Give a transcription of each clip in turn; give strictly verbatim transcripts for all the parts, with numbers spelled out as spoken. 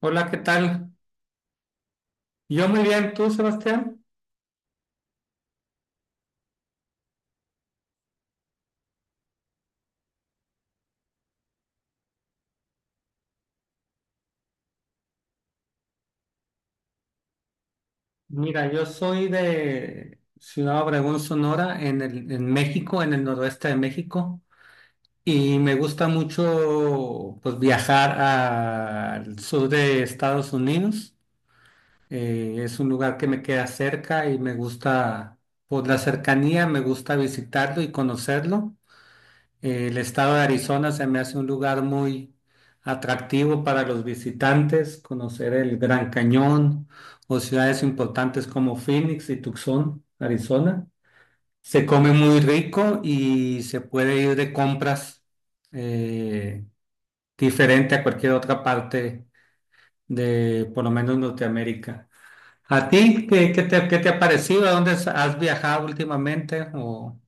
Hola, ¿qué tal? Yo muy bien, ¿tú, Sebastián? Mira, yo soy de Ciudad Obregón, Sonora, en el, en México, en el noroeste de México, y me gusta mucho pues, viajar al sur de Estados Unidos. Eh, es un lugar que me queda cerca y me gusta, por la cercanía, me gusta visitarlo y conocerlo. El estado de Arizona se me hace un lugar muy atractivo para los visitantes, conocer el Gran Cañón o ciudades importantes como Phoenix y Tucson, Arizona. Se come muy rico y se puede ir de compras eh, diferente a cualquier otra parte de, por lo menos, Norteamérica. ¿A ti qué, qué te, qué te ha parecido? ¿A dónde has has viajado últimamente? O...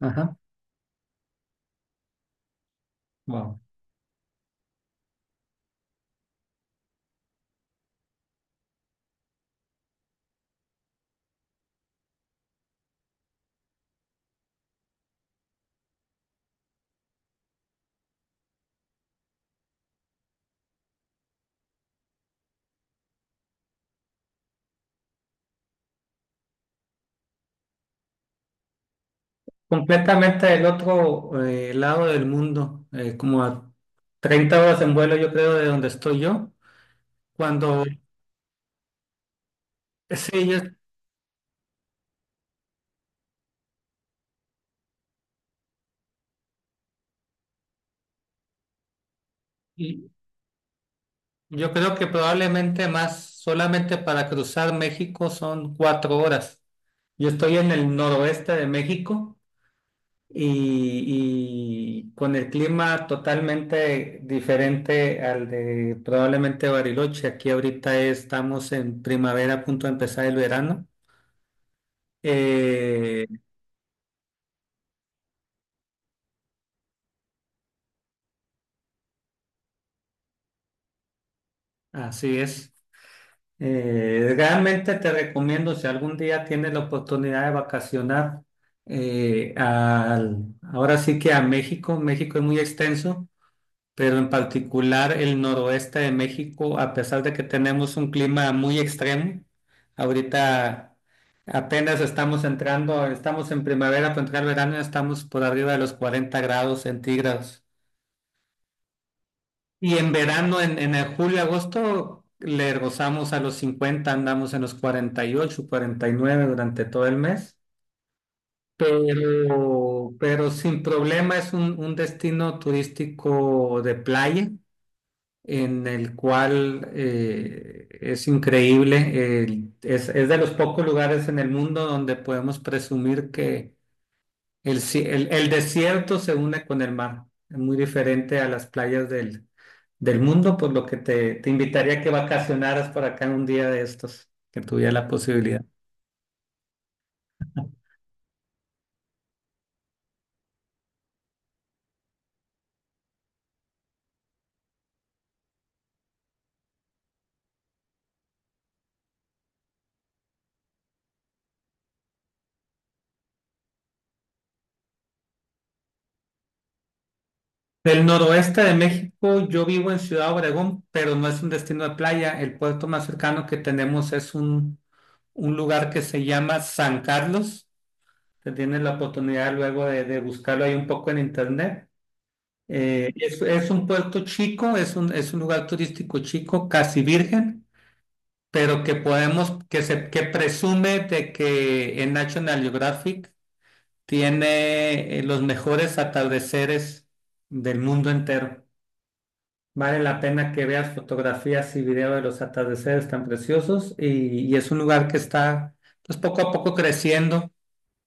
Ajá. Wow. Completamente del otro eh, lado del mundo, eh, como a treinta horas en vuelo, yo creo, de donde estoy yo. Cuando, ay, sí, yo, y yo creo que probablemente más, solamente para cruzar México son cuatro horas. Yo estoy en el noroeste de México y, y con el clima totalmente diferente al de probablemente Bariloche. Aquí ahorita estamos en primavera, a punto de empezar el verano. Eh, Así es. Eh, realmente te recomiendo, si algún día tienes la oportunidad de vacacionar, eh, al- ahora sí que a México, México es muy extenso, pero en particular el noroeste de México, a pesar de que tenemos un clima muy extremo, ahorita apenas estamos entrando, estamos en primavera, para entrar verano, ya estamos por arriba de los cuarenta grados centígrados. Y en verano, en, en el julio, agosto, le gozamos a los cincuenta, andamos en los cuarenta y ocho, cuarenta y nueve durante todo el mes, pero, pero sin problema es un, un destino turístico de playa en el cual eh, es increíble, el- es, es de los pocos lugares en el mundo donde podemos presumir que el, ci- el el desierto se une con el mar. Es muy diferente a las playas del del mundo, por lo que te, te invitaría a que vacacionaras por acá en un día de estos, que tuviera la posibilidad. Del noroeste de México, yo vivo en Ciudad Obregón, pero no es un destino de playa. El puerto más cercano que tenemos es un, un lugar que se llama San Carlos. Te tienes la oportunidad luego de, de buscarlo ahí un poco en internet. Eh, es, es un puerto chico, es un, es un lugar turístico chico, casi virgen, pero que podemos, que se, que presume de que en National Geographic tiene eh, los mejores atardeceres del mundo entero. Vale la pena que veas fotografías y videos de los atardeceres tan preciosos, y, y es un lugar que está pues, poco a poco creciendo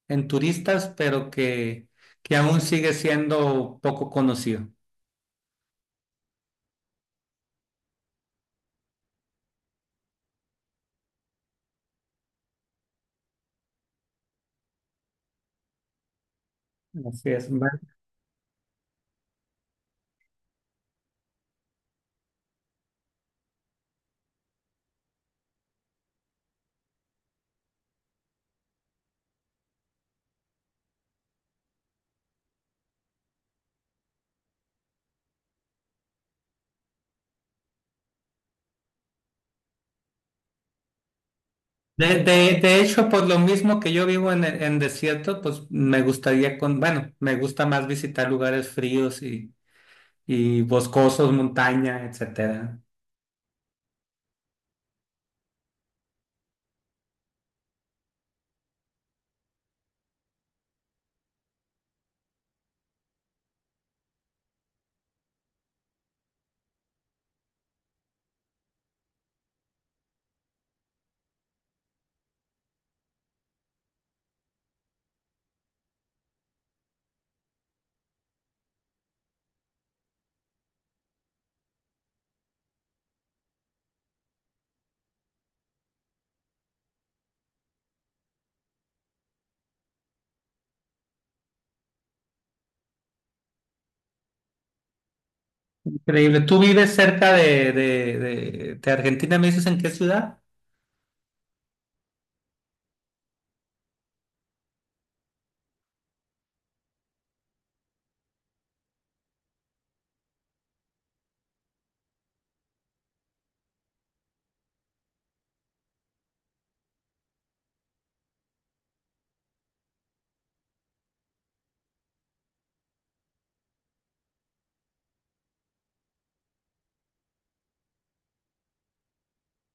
en turistas, pero que, que aún sigue siendo poco conocido. Así es. Vale. De, de- de hecho, por lo mismo que yo vivo en, en desierto, pues me gustaría con, bueno, me gusta más visitar lugares fríos y, y boscosos, montaña, etcétera. Increíble. ¿Tú vives cerca de, de, de, de Argentina? ¿Me dices en qué ciudad?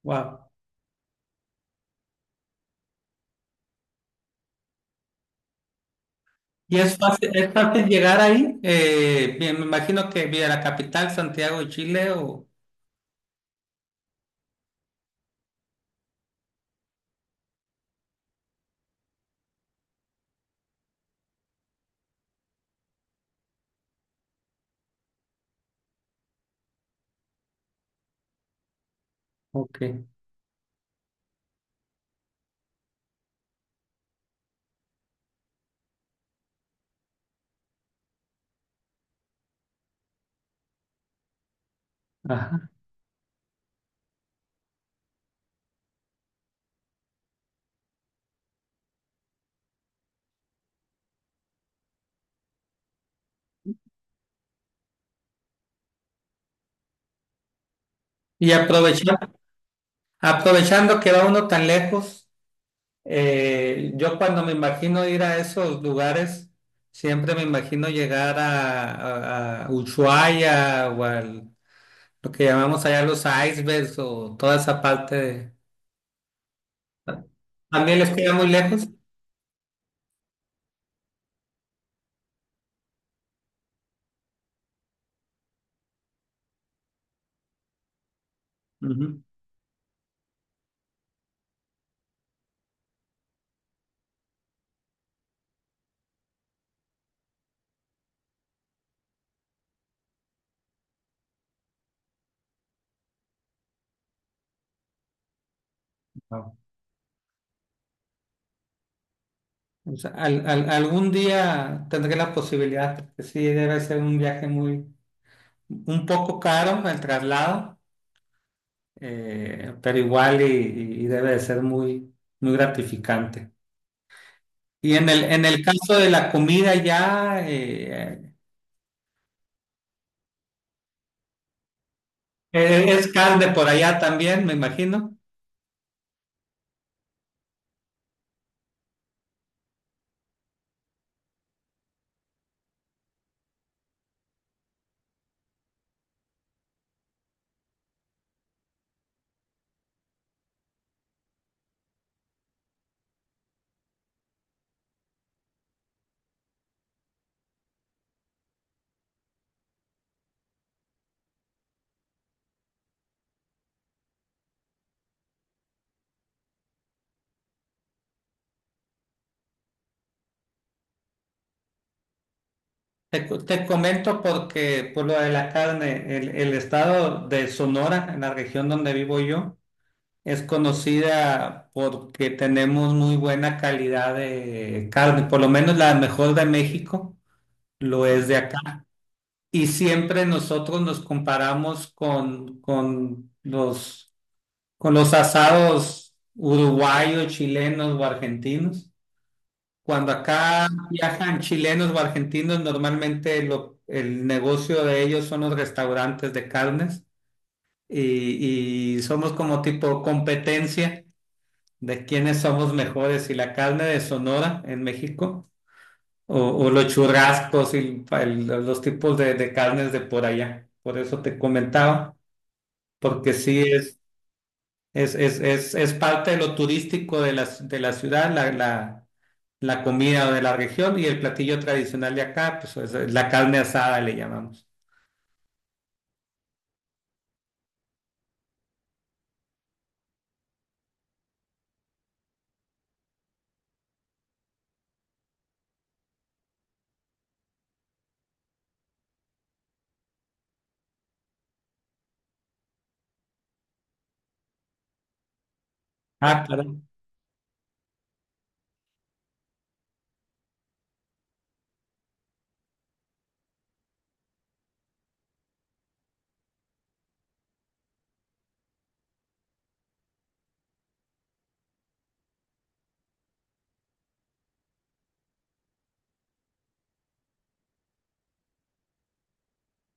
Wow. ¿Y es fácil, es fácil llegar ahí? Eh, bien, me imagino que vía la capital, Santiago de Chile o... Ok. Ajá. Y aprovechando, aprovechando que va uno tan lejos, eh, yo cuando me imagino ir a esos lugares, siempre me imagino llegar a, a, a Ushuaia o al, lo que llamamos allá los icebergs o toda esa parte de... ¿También les queda muy lejos? Ujú. Wow. O sea, al- al- algún día tendré la posibilidad, porque sí, debe ser un viaje muy, un poco caro el traslado, eh, pero igual y, y- y debe de ser muy, muy gratificante. Y en el, en el caso de la comida ya, eh, eh, es carne por allá también, me imagino. Te, co- te comento porque por lo de la carne, el, el estado de Sonora, en la región donde vivo yo, es conocida porque tenemos muy buena calidad de carne, por lo menos la mejor de México lo es de acá. Y siempre nosotros nos comparamos con, con los, con los asados uruguayos, chilenos o argentinos. Cuando acá viajan chilenos o argentinos, normalmente lo- el negocio de ellos son los restaurantes de carnes, y y somos como tipo competencia de quiénes somos mejores, si la carne de Sonora en México o, o los churrascos y el- los tipos de, de carnes de por allá. Por eso te comentaba, porque sí es, es, es, es, es parte de lo turístico de la, de la ciudad, la, la, la comida de la región, y el platillo tradicional de acá, pues es la carne asada le llamamos. Ah, claro.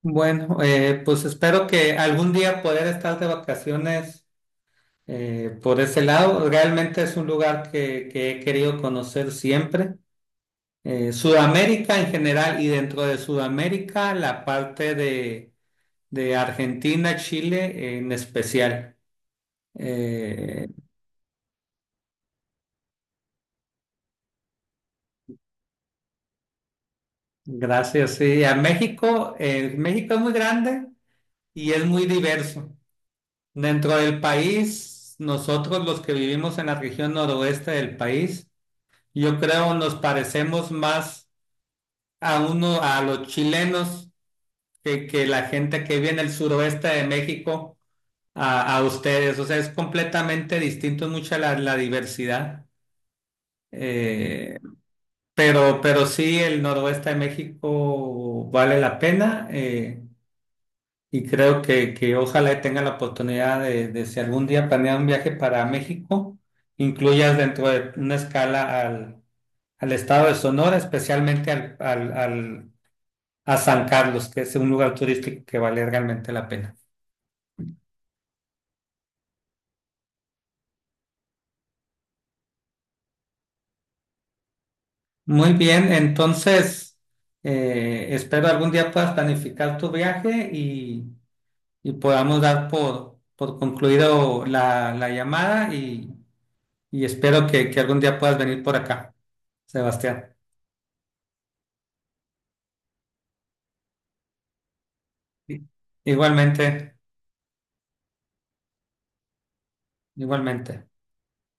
Bueno, eh, pues espero que algún día poder estar de vacaciones. Eh, por ese lado, realmente es un lugar que, que he querido conocer siempre. Eh, Sudamérica en general y dentro de Sudamérica, la parte de, de Argentina, Chile en especial. Eh, gracias, sí. A México, eh, México es muy grande y es muy diverso. Dentro del país, nosotros los que vivimos en la región noroeste del país, yo creo nos parecemos más a uno, a los chilenos que, que la gente que vive en el suroeste de México a, a ustedes. O sea, es completamente distinto, mucha la, la diversidad. Eh, pero, pero sí, el noroeste de México vale la pena eh, y creo que, que ojalá tenga la oportunidad de, de si algún día planean un viaje para México, incluyas dentro de una escala al, al estado de Sonora, especialmente al, al, al, a San Carlos, que es un lugar turístico que vale realmente la pena. Muy bien, entonces eh, espero algún día puedas planificar tu viaje y, y podamos dar por, por concluido la, la llamada y, y espero que, que algún día puedas venir por acá, Sebastián. I- Igualmente, igualmente.